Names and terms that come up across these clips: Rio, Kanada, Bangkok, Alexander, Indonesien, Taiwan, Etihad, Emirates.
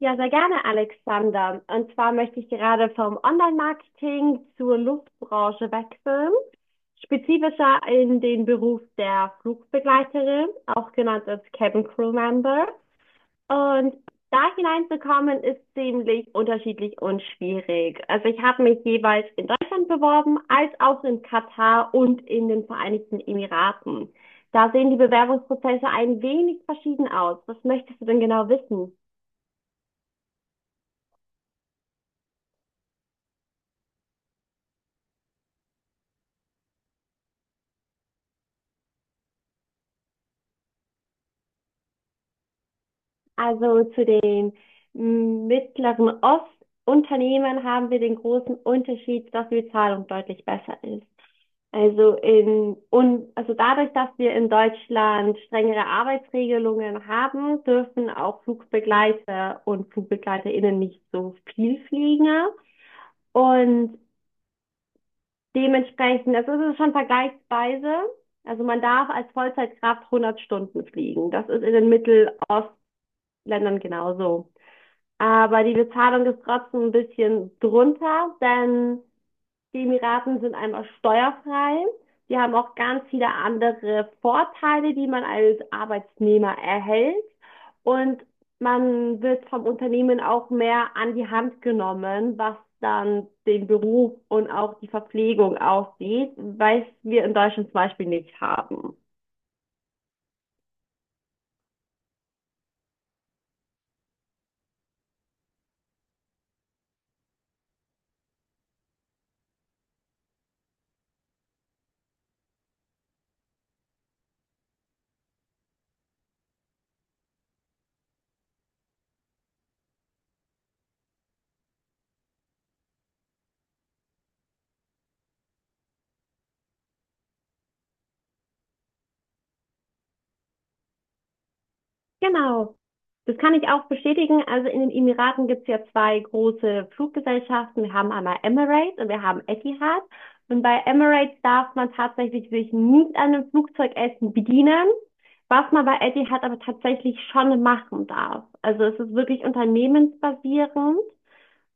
Ja, sehr gerne, Alexander. Und zwar möchte ich gerade vom Online-Marketing zur Luftbranche wechseln, spezifischer in den Beruf der Flugbegleiterin, auch genannt als Cabin Crew Member. Und da hineinzukommen ist ziemlich unterschiedlich und schwierig. Also ich habe mich jeweils in Deutschland beworben, als auch in Katar und in den Vereinigten Emiraten. Da sehen die Bewerbungsprozesse ein wenig verschieden aus. Was möchtest du denn genau wissen? Also zu den Mittleren Ostunternehmen haben wir den großen Unterschied, dass die Bezahlung deutlich besser ist. Also dadurch, dass wir in Deutschland strengere Arbeitsregelungen haben, dürfen auch Flugbegleiter und FlugbegleiterInnen nicht so viel fliegen. Und dementsprechend, also es ist schon vergleichsweise, also man darf als Vollzeitkraft 100 Stunden fliegen. Das ist in den Mittelostländern genauso. Aber die Bezahlung ist trotzdem ein bisschen drunter, denn die Emiraten sind einmal steuerfrei. Die haben auch ganz viele andere Vorteile, die man als Arbeitnehmer erhält. Und man wird vom Unternehmen auch mehr an die Hand genommen, was dann den Beruf und auch die Verpflegung aussieht, was wir in Deutschland zum Beispiel nicht haben. Genau. Das kann ich auch bestätigen. Also in den Emiraten gibt es ja zwei große Fluggesellschaften. Wir haben einmal Emirates und wir haben Etihad. Und bei Emirates darf man tatsächlich sich nicht an einem Flugzeugessen bedienen, was man bei Etihad aber tatsächlich schon machen darf. Also es ist wirklich unternehmensbasierend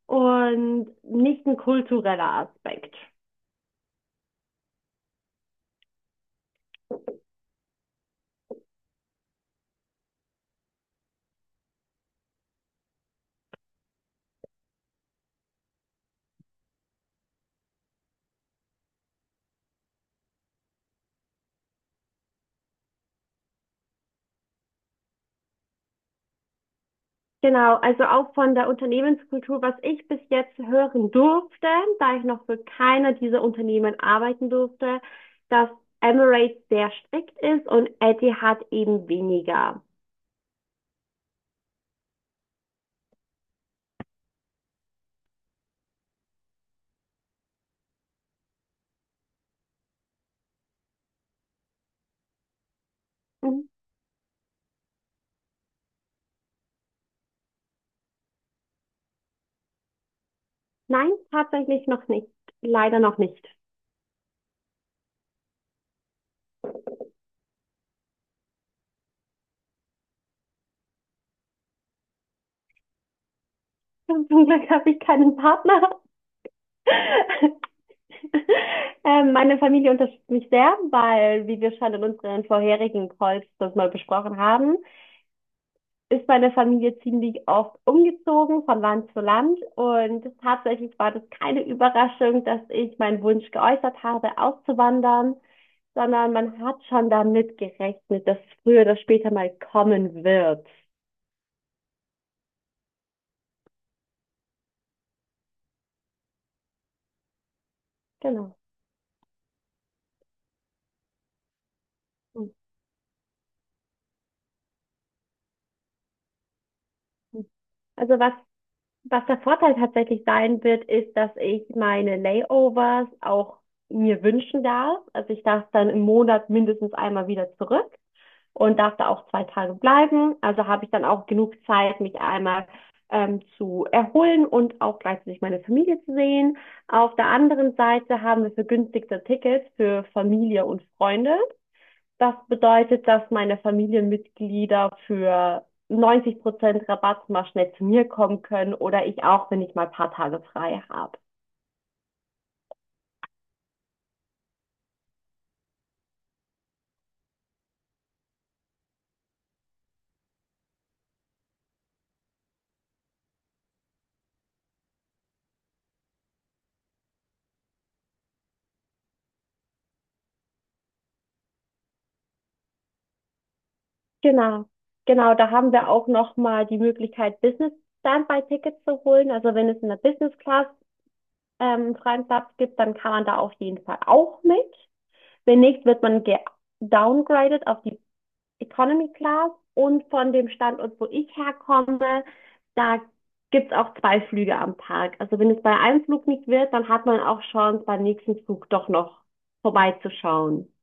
und nicht ein kultureller Aspekt. Genau, also auch von der Unternehmenskultur, was ich bis jetzt hören durfte, da ich noch für keiner dieser Unternehmen arbeiten durfte, dass Emirates sehr strikt ist und Etihad eben weniger. Mhm. Nein, tatsächlich noch nicht. Leider noch nicht. Zum Glück habe ich keinen Partner. Meine Familie unterstützt mich sehr, weil, wie wir schon in unseren vorherigen Calls das mal besprochen haben, ist meine Familie ziemlich oft umgezogen von Land zu Land und tatsächlich war das keine Überraschung, dass ich meinen Wunsch geäußert habe, auszuwandern, sondern man hat schon damit gerechnet, dass es früher oder später mal kommen wird. Genau. Also was, was der Vorteil tatsächlich sein wird, ist, dass ich meine Layovers auch mir wünschen darf. Also ich darf dann im Monat mindestens einmal wieder zurück und darf da auch zwei Tage bleiben. Also habe ich dann auch genug Zeit, mich einmal zu erholen und auch gleichzeitig meine Familie zu sehen. Auf der anderen Seite haben wir vergünstigte Tickets für Familie und Freunde. Das bedeutet, dass meine Familienmitglieder für 90% Rabatt mal schnell zu mir kommen können oder ich auch, wenn ich mal ein paar Tage frei habe. Genau, genau, da haben wir auch nochmal die Möglichkeit, Business Standby-Tickets zu holen. Also wenn es in der Business Class freien Platz gibt, dann kann man da auf jeden Fall auch mit. Wenn nicht, wird man downgraded auf die Economy Class. Und von dem Standort, wo ich herkomme, da gibt's auch zwei Flüge am Tag. Also wenn es bei einem Flug nicht wird, dann hat man auch Chance, beim nächsten Flug doch noch vorbeizuschauen.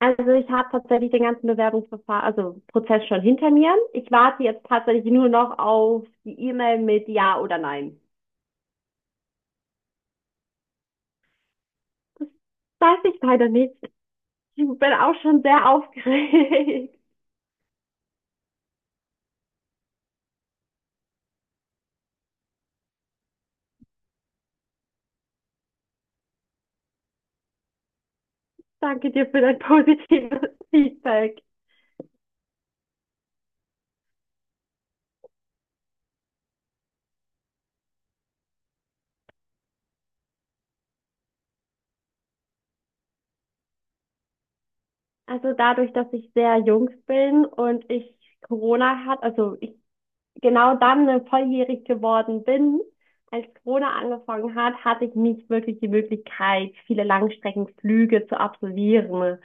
Also ich habe tatsächlich den ganzen Bewerbungsverfahren, also Prozess schon hinter mir. Ich warte jetzt tatsächlich nur noch auf die E-Mail mit Ja oder Nein. Das weiß ich leider nicht. Ich bin auch schon sehr aufgeregt. Danke dir für dein positives Feedback. Also dadurch, dass ich sehr jung bin und ich Corona hat, also ich genau dann volljährig geworden bin, als Corona angefangen hat, hatte ich nicht wirklich die Möglichkeit, viele Langstreckenflüge zu absolvieren.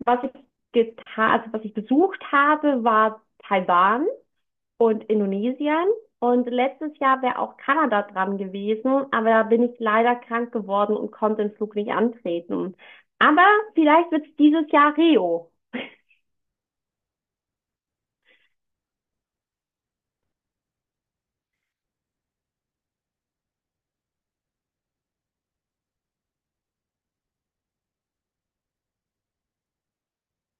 Was ich was ich besucht habe, war Taiwan und Indonesien. Und letztes Jahr wäre auch Kanada dran gewesen, aber da bin ich leider krank geworden und konnte den Flug nicht antreten. Aber vielleicht wird es dieses Jahr Rio.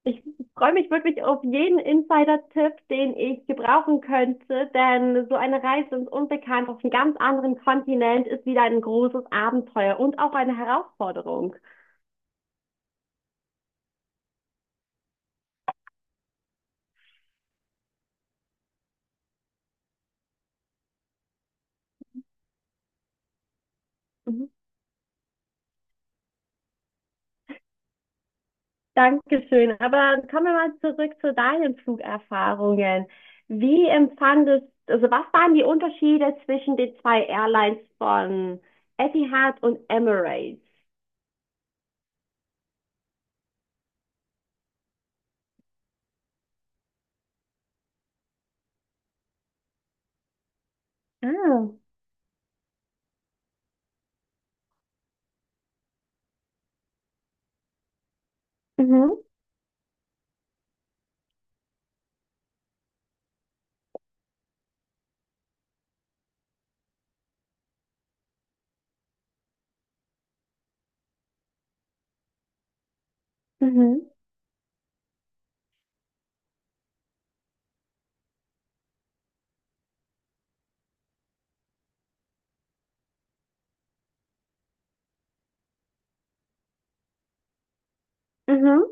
Ich freue mich wirklich auf jeden Insider-Tipp, den ich gebrauchen könnte, denn so eine Reise ins Unbekannte auf einem ganz anderen Kontinent ist wieder ein großes Abenteuer und auch eine Herausforderung. Mhm. Dankeschön. Aber kommen wir mal zurück zu deinen Flugerfahrungen. Wie empfandest, also was waren die Unterschiede zwischen den zwei Airlines von Etihad und Emirates? Ah. Mhm. Mhm. Mhm.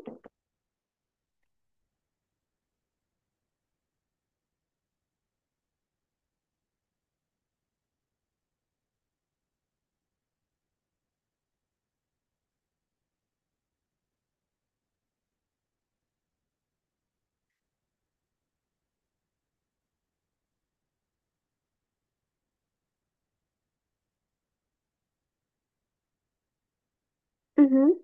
Mhm.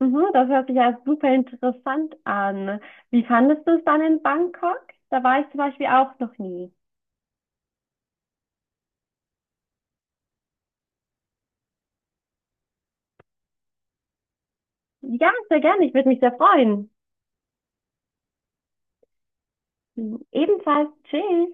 Mhm. Das hört sich ja super interessant an. Wie fandest du es dann in Bangkok? Da war ich zum Beispiel auch noch nie. Ja, sehr gerne. Ich würde mich sehr freuen. Ebenfalls, tschüss.